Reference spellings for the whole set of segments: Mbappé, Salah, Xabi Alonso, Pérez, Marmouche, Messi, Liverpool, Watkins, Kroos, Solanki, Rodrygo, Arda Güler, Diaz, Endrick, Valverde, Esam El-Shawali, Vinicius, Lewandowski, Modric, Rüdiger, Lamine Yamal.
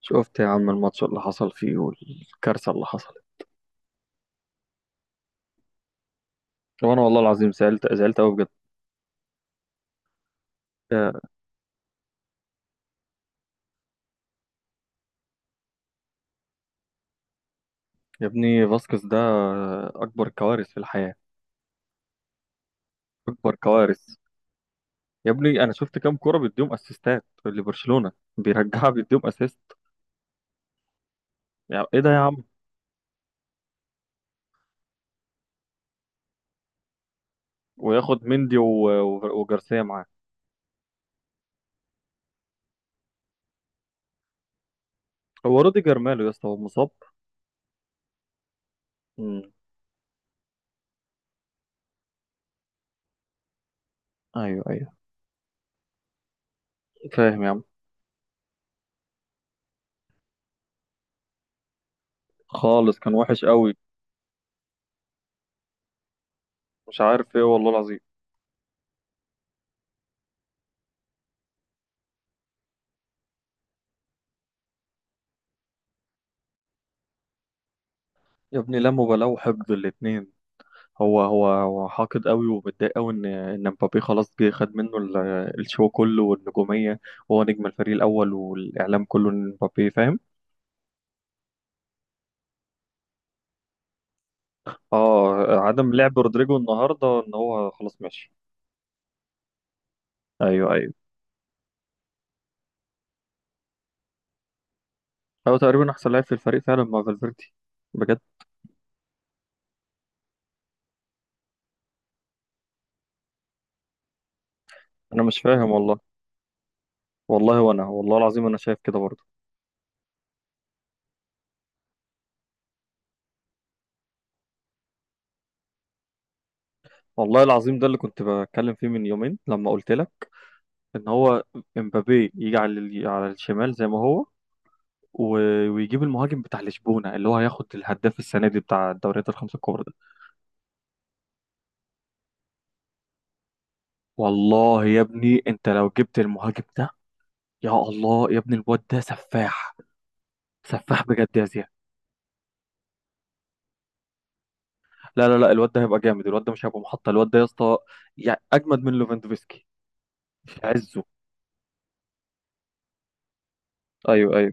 شفت يا عم الماتش اللي حصل فيه والكارثة اللي حصلت. وانا والله العظيم زعلت زعلت قوي بجد. يا يا ابني فاسكس ده اكبر كوارث في الحياة، اكبر كوارث. يا ابني انا شفت كام كرة بيديهم اسيستات لبرشلونة بيرجعها بيديهم اسيست. يعني ايه ده يا عم؟ وياخد مندي وجارسيا معاه. هو روديجر ماله يا اسطى؟ هو مصاب. امم ايوه ايوه. فاهم يا عم، خالص كان وحش قوي. مش عارف ايه والله العظيم. يا ابني لا مبالاة وحقد الاتنين. هو حاقد قوي ومتضايق قوي ان مبابي خلاص جه خد منه الشو كله والنجوميه. وهو نجم الفريق الاول والاعلام كله ان مبابي، فاهم. اه، عدم لعب رودريجو النهارده ان هو خلاص ماشي. ايوه ايوه. هو تقريبا احسن لاعب في الفريق فعلا مع فالفيردي، بجد. انا مش فاهم والله. والله وانا والله العظيم انا شايف كده برضه. والله العظيم ده اللي كنت بتكلم فيه من يومين لما قلت لك ان هو امبابي يجي على على الشمال زي ما هو ويجيب المهاجم بتاع لشبونة اللي هو هياخد الهداف السنة دي بتاع الدوريات الخمسة الكبرى ده. والله يا ابني انت لو جبت المهاجم ده، يا الله يا ابني الواد ده سفاح، سفاح بجد يا زياد. لا لا لا، الواد ده هيبقى جامد، الواد ده مش هيبقى محطة، الواد ده يا اسطى يعني اجمد من ليفاندوفسكي في عزه. ايوه ايوه.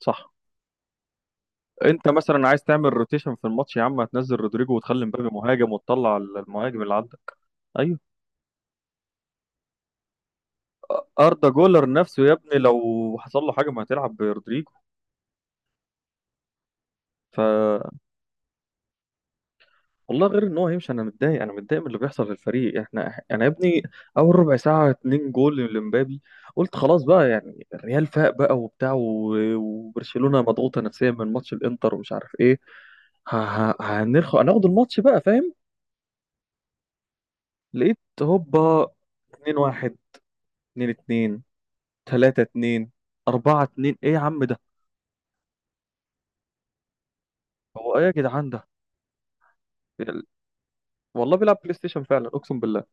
صح. انت مثلا عايز تعمل روتيشن في الماتش يا عم، هتنزل رودريجو وتخلي مبابي مهاجم وتطلع المهاجم اللي عندك. ايوه. اردا جولر نفسه يا ابني لو حصل له حاجه ما هتلعب برودريجو. ف، والله غير ان هو هيمشي، انا متضايق انا متضايق من اللي بيحصل في الفريق. احنا انا يا ابني اول ربع ساعه اتنين جول لمبابي، قلت خلاص بقى. يعني الريال فاق بقى وبتاع وبرشلونه مضغوطه نفسيا من ماتش الانتر ومش عارف ايه. ه- ه- هنرخ هناخد الماتش بقى، فاهم. لقيت هوبا 2-1، 2-2، 3-2، 4-2. ايه يا عم ده؟ هو ايه يا جدعان ده؟ والله بيلعب بلاي ستيشن فعلا، اقسم بالله.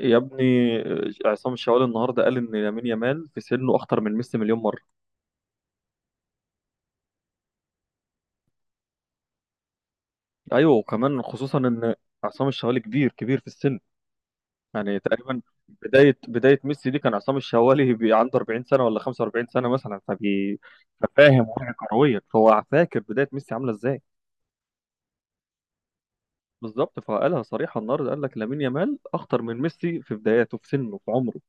يا ابني عصام الشوالي النهارده قال ان لامين يامال في سنه اخطر من ميسي مليون مره. ايوه، وكمان خصوصا ان عصام الشوالي كبير كبير في السن، يعني تقريبا بدايه ميسي دي كان عصام الشوالي عنده 40 سنه ولا 45 سنه مثلا، فبي ففاهم وعي كرويا، فهو فاكر بدايه ميسي عامله ازاي. بالظبط، فقالها صريحه النهارده، قال لك لامين يامال اخطر من ميسي في بداياته في سنه في عمره.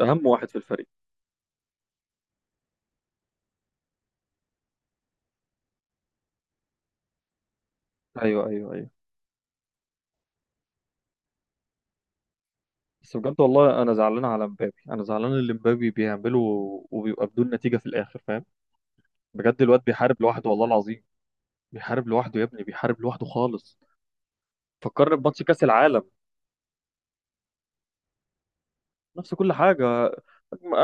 اهم واحد في الفريق. ايوه ايوه. بس بجد والله انا زعلان على مبابي، انا زعلان اللي مبابي بيعمله وبيبقى بدون نتيجة في الاخر، فاهم. بجد الواد بيحارب لوحده والله العظيم. بيحارب لوحده يا ابني، بيحارب لوحده خالص. فكرني بماتش كاس العالم نفس كل حاجة.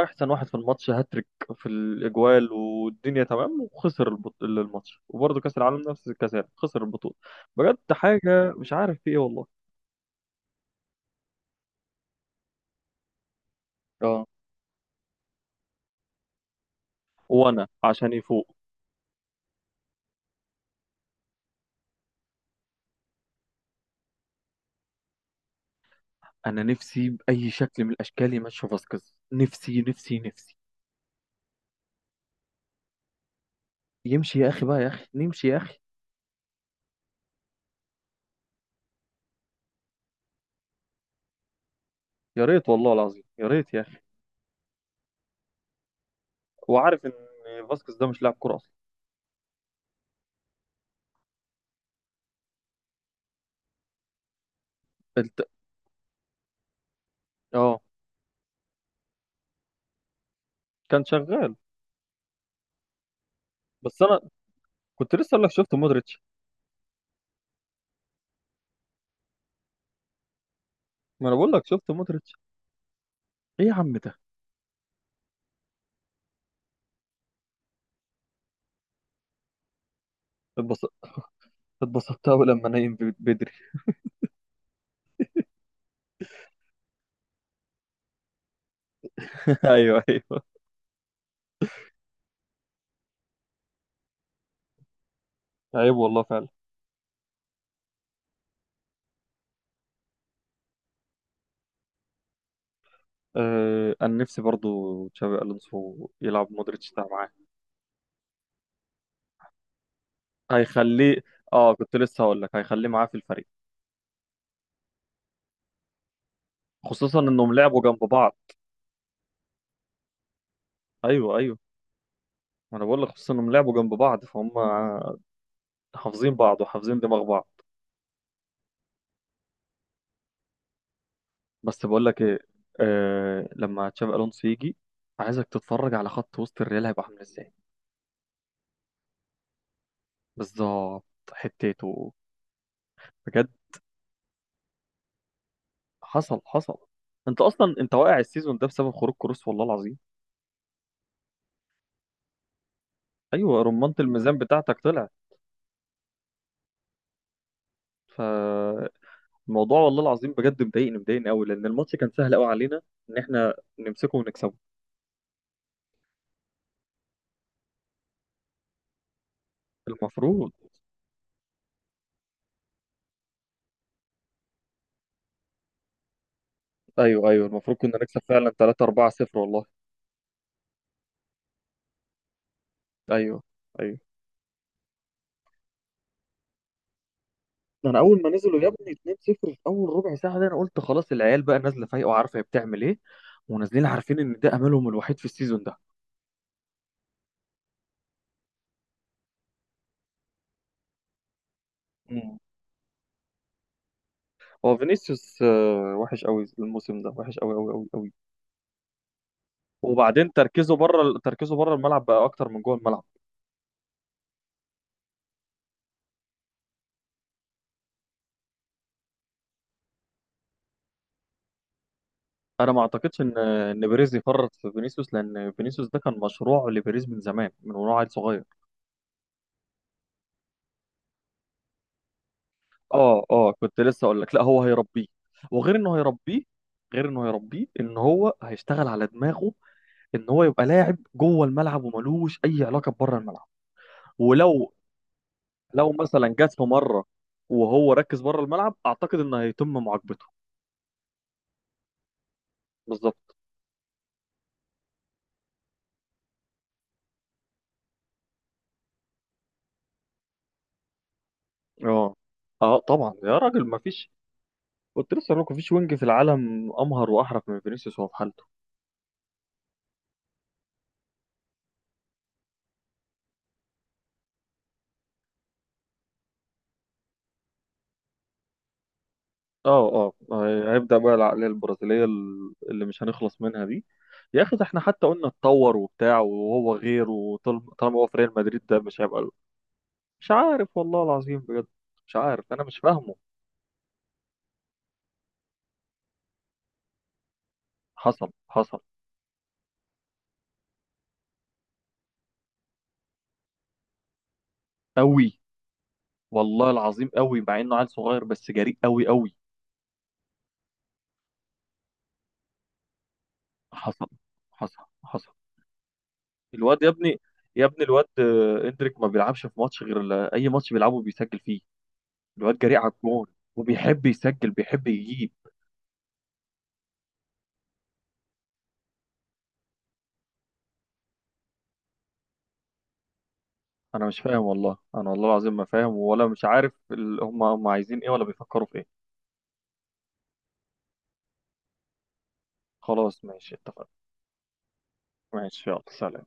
احسن واحد في الماتش، هاتريك في الاجوال والدنيا تمام، وخسر الماتش، وبرضه كاس العالم نفس الكاس، خسر البطولة. بجد حاجة مش عارف في ايه والله. اه، وانا عشان يفوق. انا نفسي باي شكل من الاشكال يمشي فاسكيز، نفسي نفسي نفسي يمشي يا اخي بقى، يا اخي نمشي يا اخي. يا ريت والله العظيم يا ريت يا اخي. وعارف ان فاسكيز ده مش لاعب كوره اصلا. الت... اه، كان شغال. بس انا كنت لسه اقول لك شفت مودريتش. ما انا بقول لك شفت مودريتش. ايه يا عم ده؟ اتبسط... اتبسطت قوي لما نايم بدري. ايوه ايوه. عيب والله فعلا. آه انا نفسي برضو تشابي الونسو يلعب مودريتش ده معاه. هيخليه. اه كنت لسه هقول لك هيخليه معاه في الفريق. خصوصا انهم لعبوا جنب بعض. ايوه ايوه، ما انا بقول لك خصوصا انهم لعبوا جنب بعض فهم حافظين بعض وحافظين دماغ بعض. بس بقول لك ايه، آه لما تشافي الونسو يجي عايزك تتفرج على خط وسط الريال هيبقى عامل ازاي. بالظبط، حتته بجد. حصل حصل. انت اصلا انت واقع السيزون ده بسبب خروج كروس والله العظيم. ايوه، رمانة الميزان بتاعتك طلعت. فالموضوع والله العظيم بجد مضايقني مضايقني قوي لان الماتش كان سهل قوي علينا ان احنا نمسكه ونكسبه. المفروض. ايوه ايوه، المفروض كنا نكسب فعلا 3 4 0 والله. ايوه ايوه. ده انا اول ما نزلوا يا ابني 2-0 في اول ربع ساعه ده انا قلت خلاص، العيال بقى نازله فايقه وعارفه هي بتعمل ايه، ونازلين عارفين ان ده املهم الوحيد في السيزون ده. مم. هو فينيسيوس وحش قوي الموسم ده، وحش قوي قوي قوي قوي. وبعدين تركيزه بره، تركيزه بره الملعب بقى اكتر من جوه الملعب. انا ما اعتقدش ان بيريز يفرط في فينيسيوس، لان فينيسيوس ده كان مشروع لبيريز من زمان، من وهو عيل صغير. اه اه كنت لسه اقول لك، لا هو هيربيه. وغير انه هيربيه، غير انه هيربيه ان هو هيشتغل على دماغه، ان هو يبقى لاعب جوه الملعب وملوش اي علاقه بره الملعب. ولو مثلا جات له مره وهو ركز بره الملعب اعتقد ان هيتم معاقبته. بالظبط. اه اه طبعا يا راجل ما فيش. قلت لسه ما فيش وينج في العالم امهر واحرف من فينيسيوس وهو في حالته. اه اه هيبدا بقى العقليه البرازيليه اللي مش هنخلص منها دي. يا اخي ده احنا حتى قلنا اتطور وبتاع وهو غير، وطالما هو في ريال مدريد ده مش هيبقى مش عارف والله العظيم بجد. مش عارف انا مش فاهمه. حصل حصل. قوي والله العظيم قوي مع انه عيل صغير بس جريء قوي قوي. حصل حصل حصل. الواد يا ابني، يا ابني الواد اندريك ما بيلعبش في ماتش غير اي ماتش بيلعبه بيسجل فيه. الواد جريء على الجون وبيحب يسجل بيحب يجيب. انا مش فاهم والله، انا والله العظيم ما فاهم ولا مش عارف هم هم عايزين ايه ولا بيفكروا في ايه. خلاص ماشي اتفقنا. ماشي يلا سلام.